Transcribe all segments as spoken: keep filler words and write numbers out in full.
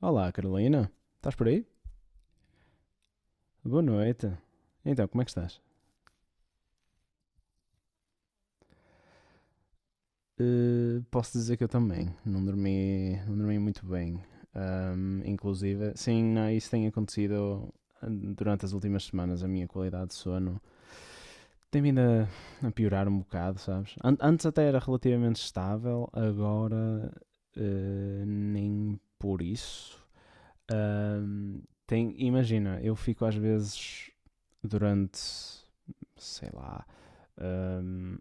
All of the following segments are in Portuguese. Olá, Carolina. Estás por aí? Boa noite. Então, como é que estás? Eh, posso dizer que eu também. Não dormi, não dormi muito bem. Ahm, inclusive, sim, não, isso tem acontecido ah, durante as últimas semanas. A minha qualidade de sono tem vindo a, a piorar um bocado, sabes? An- antes até era relativamente estável, agora eh, nem por isso. Ahm, tem, imagina, eu fico às vezes durante, sei lá, hum,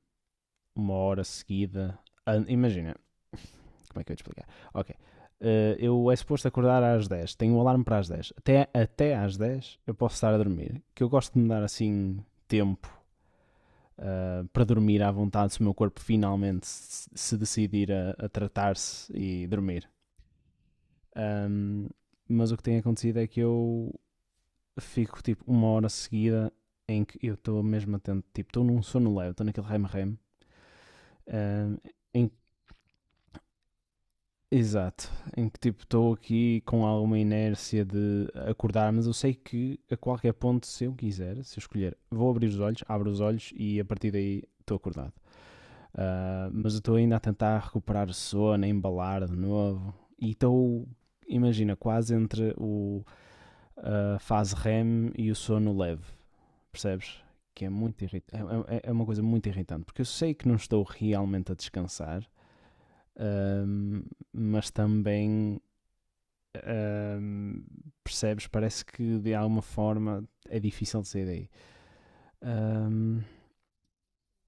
uma hora seguida. an- Imagina, como é que eu ia te explicar? Ok. Eh, eu é suposto acordar às dez, tenho um alarme para as dez. Até, até às dez eu posso estar a dormir. Que eu gosto de me dar assim tempo ah, para dormir à vontade, se o meu corpo finalmente se, se decidir a, a tratar-se e dormir. Ahm, mas o que tem acontecido é que eu fico tipo uma hora seguida em que eu estou mesmo atento, tipo, estou num sono leve, estou naquele rem-rem, ahm, em exato, em que tipo estou aqui com alguma inércia de acordar, mas eu sei que a qualquer ponto, se eu quiser, se eu escolher, vou abrir os olhos, abro os olhos e a partir daí estou acordado. Ah, mas eu estou ainda a tentar recuperar o sono, a embalar de novo e estou, imagina, quase entre o, a fase REM e o sono leve, percebes? Que é muito irritante, é, é- é é uma coisa muito irritante, porque eu sei que não estou realmente a descansar, ah, mas também Ahm, percebes? Parece que de alguma forma é difícil de sair daí. Ahm,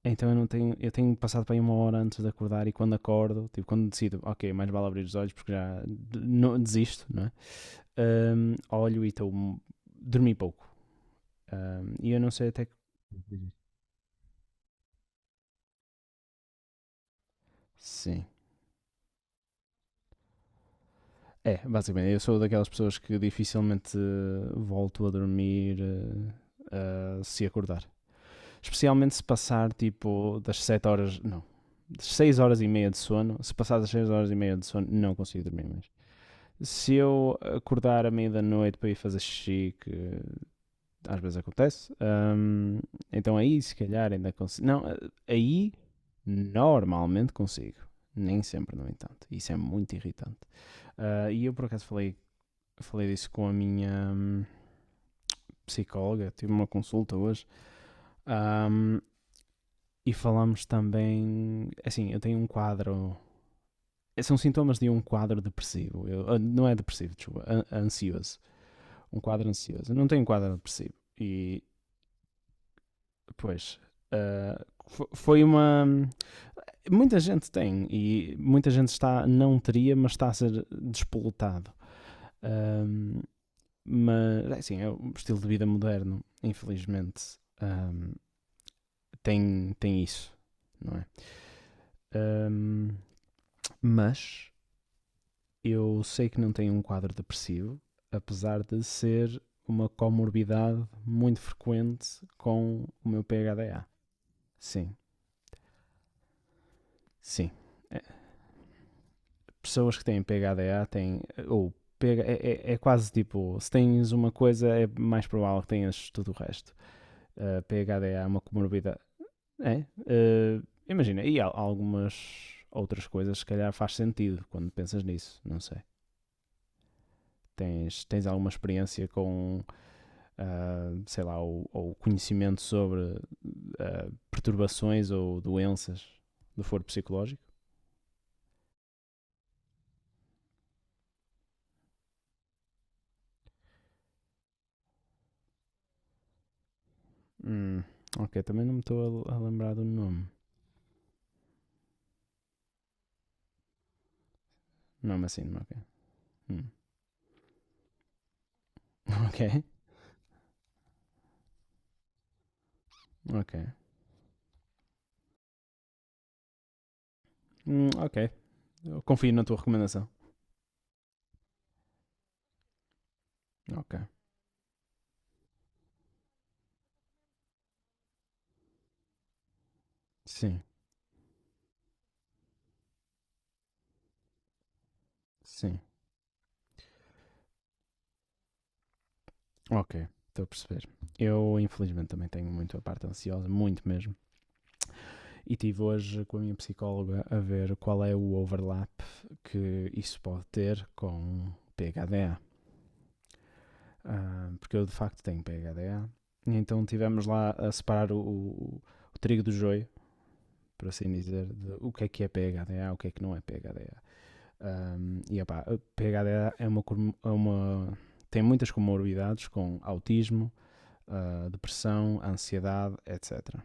então eu não tenho, eu tenho passado para aí uma hora antes de acordar e quando acordo, tipo, quando decido, ok, mais vale abrir os olhos porque já não, desisto, não é? Ahm, olho e estou dormi pouco. Ahm, e eu não sei até que. Sim. É, basicamente, eu sou daquelas pessoas que dificilmente eh, volto a dormir eh, ah, se acordar. Especialmente se passar tipo das sete horas, não, das seis horas e meia de sono. Se passar das seis horas e meia de sono, não consigo dormir mais. Se eu acordar à meia da noite para ir fazer xixi, que às vezes acontece, hum, então aí se calhar ainda consigo. Não, aí normalmente consigo. Nem sempre, no entanto. Isso é muito irritante. Ah, e eu por acaso falei, falei disso com a minha hum, psicóloga, tive uma consulta hoje. Ahm, E falamos também. Assim, eu tenho um quadro. São sintomas de um quadro depressivo. Eu, ah, não é depressivo, desculpa. Ansioso. Um quadro ansioso. Eu não tenho um quadro depressivo. E, pois. ah, Foi uma. Muita gente tem. E muita gente está. Não teria, mas está a ser despoletado. Ahm, mas, é assim, é um estilo de vida moderno, infelizmente. Ahm, tem, tem isso, não é? Ahm, mas Eu sei que não tenho um quadro depressivo, apesar de ser uma comorbidade muito frequente com o meu P H D A. Sim, sim. É, pessoas que têm P H D A têm. Ou P H, é, é, é quase tipo: se tens uma coisa, é mais provável que tenhas tudo o resto. Uh, P H D A é uma comorbidade. É. Uh, imagina, e há algumas outras coisas, se calhar faz sentido quando pensas nisso. Não sei. Tens, tens alguma experiência com uh, sei lá, ou, ou conhecimento sobre uh, perturbações ou doenças do foro psicológico. Hum, ok, também não me estou a, a, lembrar do nome. Nome assim, ok. Hum, ok, ok. Hum, ok, eu confio na tua recomendação. Ok, sim, sim, ok. Estou a perceber. Eu, infelizmente, também tenho muito a parte ansiosa, muito mesmo. E tive hoje com a minha psicóloga a ver qual é o overlap que isso pode ter com P H D, ah, porque eu de facto tenho P H D A. E então tivemos lá a separar o, o- o trigo do joio, por assim dizer, de o que é que é P H D A, o que é que não é P H D A. Ahm, e opá, P H D a P H D A é uma, é uma- tem muitas comorbidades com autismo, ah, depressão, ansiedade, etcetera.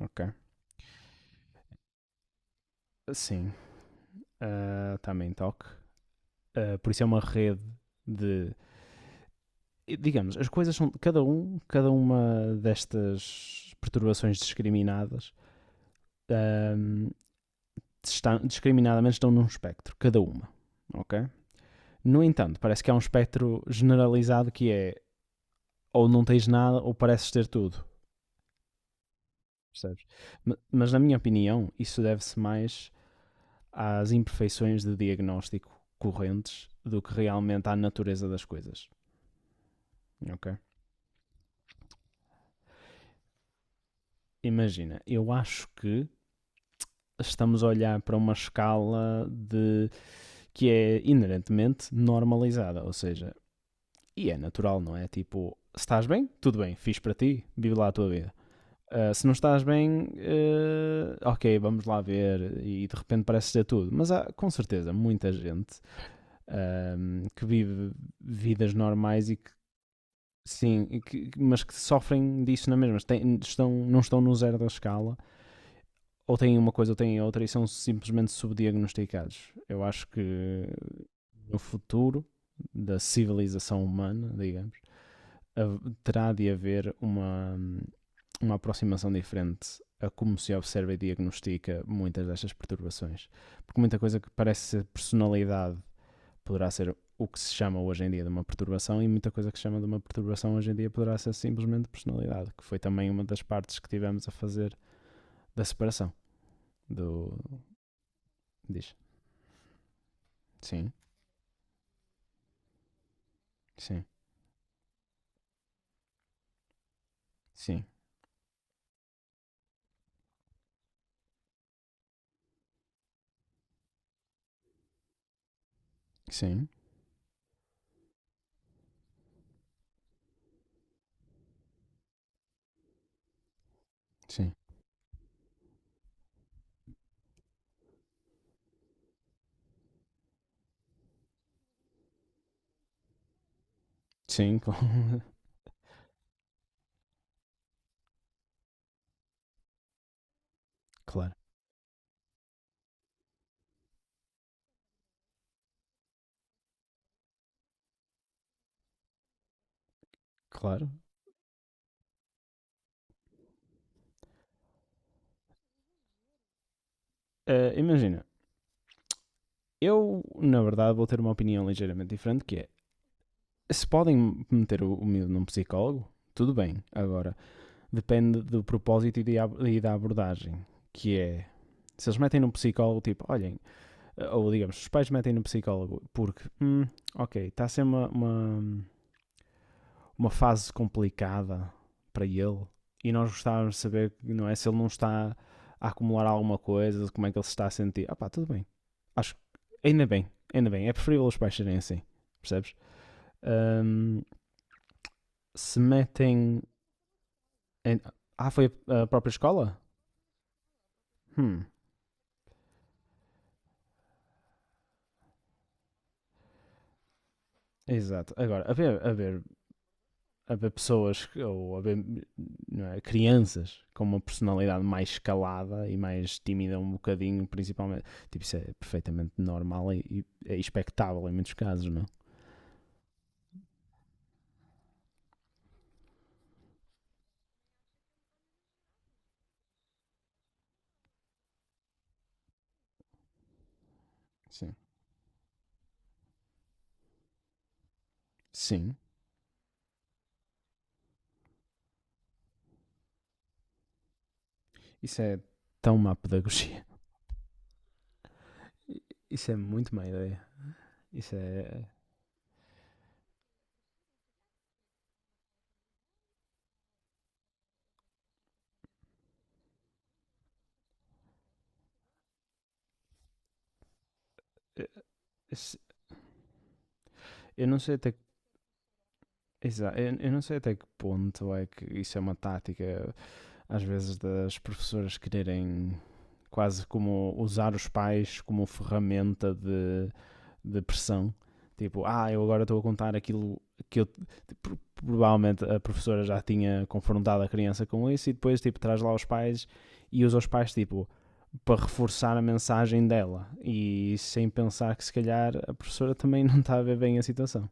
Ok? Sim, ah, também toque. Ah, por isso é uma rede de, digamos, as coisas são cada um, cada uma destas perturbações discriminadas, ahm, estão, discriminadamente estão num espectro, cada uma, ok? No entanto, parece que há um espectro generalizado que é ou não tens nada ou pareces ter tudo, percebes? Mas na minha opinião, isso deve-se mais às imperfeições de diagnóstico correntes do que realmente à natureza das coisas, ok? Imagina, eu acho que estamos a olhar para uma escala de que é inerentemente normalizada, ou seja, e é natural, não é? Tipo, se estás bem, tudo bem, fiz para ti, vive lá a tua vida. Ah, se não estás bem, eh, ok, vamos lá ver, e de repente parece ser tudo. Mas há com certeza muita gente ahm, que vive vidas normais e que, sim, e que- mas que sofrem disso na mesma. Têm- estão, não estão no zero da escala, ou têm uma coisa ou têm outra, e são simplesmente subdiagnosticados. Eu acho que no futuro da civilização humana, digamos, terá de haver uma, uma aproximação diferente a como se observa e diagnostica muitas destas perturbações. Porque muita coisa que parece ser personalidade poderá ser o que se chama hoje em dia de uma perturbação e muita coisa que se chama de uma perturbação hoje em dia poderá ser simplesmente personalidade, que foi também uma das partes que tivemos a fazer da separação do... Diz. Sim, sim, sim, sim, sim, sim, claro, claro. Eh, imagina, eu, na verdade, vou ter uma opinião ligeiramente diferente, que é, se podem meter o, o miúdo num psicólogo, tudo bem. Agora, depende do propósito e da abordagem, que é... Se eles metem num psicólogo, tipo, olhem, ou digamos, os pais metem num psicólogo porque, hum, ok, está a ser uma, uma- uma fase complicada para ele e nós gostávamos de saber, não é, se ele não está a acumular alguma coisa, como é que ele se está a sentir. Ah pá, tudo bem. Acho que ainda bem, ainda bem. É preferível os pais serem assim, percebes? Ahm, Se metem. em- Ah, foi a própria escola? Hum, exato. Agora, a ver, a ver, haver pessoas ou haver, não é, crianças com uma personalidade mais escalada e mais tímida um bocadinho, principalmente. Tipo, isso é perfeitamente normal e, e é expectável em muitos casos, não? Sim. Sim. Isso é tão má pedagogia. Isso é muito má ideia. Isso é. é- Eu não sei até que. Exato. Eu não sei até que ponto é que isso é uma tática às vezes das professoras quererem quase como usar os pais como ferramenta de, de pressão. Tipo, ah, eu agora estou a contar aquilo que eu. Tipo, provavelmente a professora já tinha confrontado a criança com isso e depois, tipo, traz lá os pais e usa os pais, tipo, para reforçar a mensagem dela e sem pensar que se calhar a professora também não está a ver bem a situação.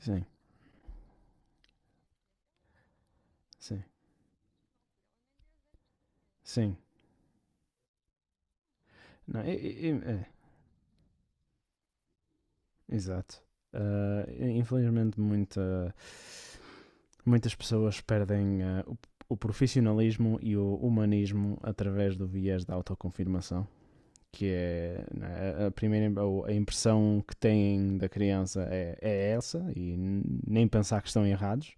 Sim, sim, sim. Não, é, é, é, é, exato. Uh, Infelizmente, muita muitas pessoas perdem eh, o, o profissionalismo e o humanismo através do viés da autoconfirmação, que é, né, a primeira, a impressão que têm da criança é, é essa e nem pensar que estão errados.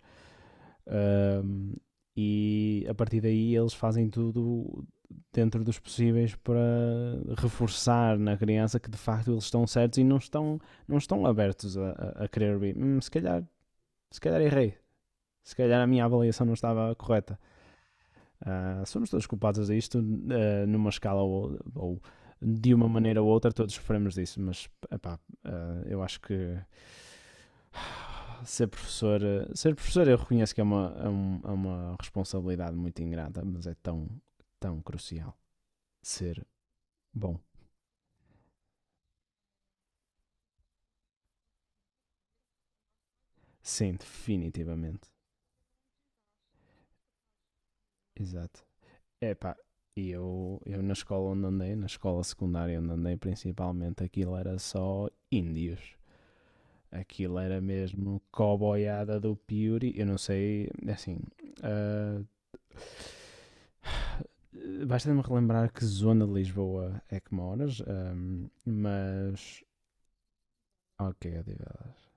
Ahm, e a partir daí eles fazem tudo dentro dos possíveis para reforçar na criança que de facto eles estão certos e não estão, não estão abertos a, a, a querer ouvir. "Hum, se calhar se calhar errei, se calhar a minha avaliação não estava correta. Ah, somos todos culpados disto, ah, numa escala ou, ou de uma maneira ou outra, todos sofremos disso, mas epá, ah, eu acho que ser professor, eh, ser professor, eu reconheço que é uma, é um- é uma responsabilidade muito ingrata, mas é tão, tão crucial ser bom. Sim, definitivamente. Exato. Epá, e eu, eu na escola onde andei, na escola secundária onde andei, principalmente aquilo era só índios. Aquilo era mesmo coboiada do Piuri. Eu não sei, é assim. ah, Basta-me relembrar que zona de Lisboa é que moras, ahm, mas. Ok, Odivelas.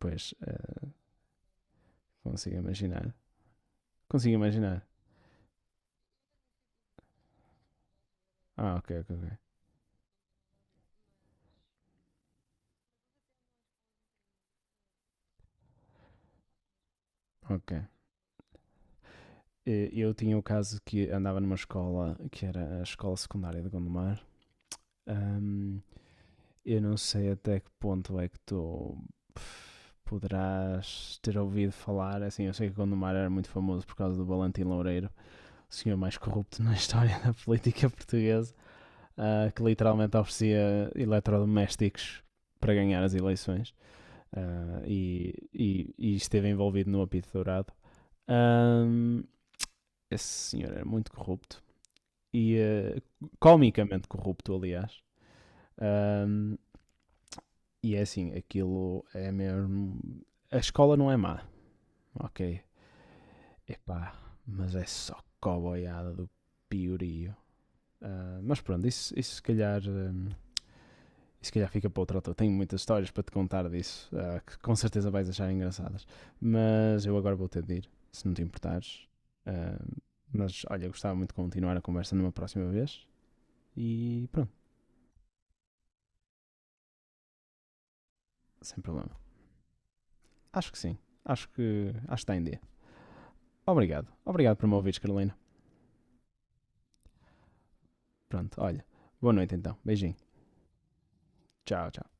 Pois, ah, consigo imaginar. Consigo imaginar. Ah, ok, ok, ok. Ok. Eh, Eu tinha o caso que andava numa escola que era a escola secundária de Gondomar. ahm, Eu não sei até que ponto é que tu poderás ter ouvido falar. Assim, eu sei que Gondomar era muito famoso por causa do Valentim Loureiro, o senhor mais corrupto na história da política portuguesa, ah, que literalmente oferecia eletrodomésticos para ganhar as eleições, ah, e, e- e esteve envolvido no apito dourado. Ahm, Esse senhor era muito corrupto e eh, comicamente corrupto, aliás. Ahm, E é assim, aquilo é mesmo. A escola não é má, ok? Epá, mas é só coboiada do piorio. Ah, mas pronto, isso, isso se calhar. Hum, isso se calhar fica para outra altura. Tenho muitas histórias para te contar disso, ah, que com certeza vais achar engraçadas. Mas eu agora vou ter de ir, se não te importares. Ah, mas olha, gostava muito de continuar a conversa numa próxima vez. E pronto, sem problema. Acho que sim. Acho que, acho que está em dia. Obrigado. Obrigado por me ouvires, Carolina. Pronto, olha. Boa noite então. Beijinho. Tchau, tchau.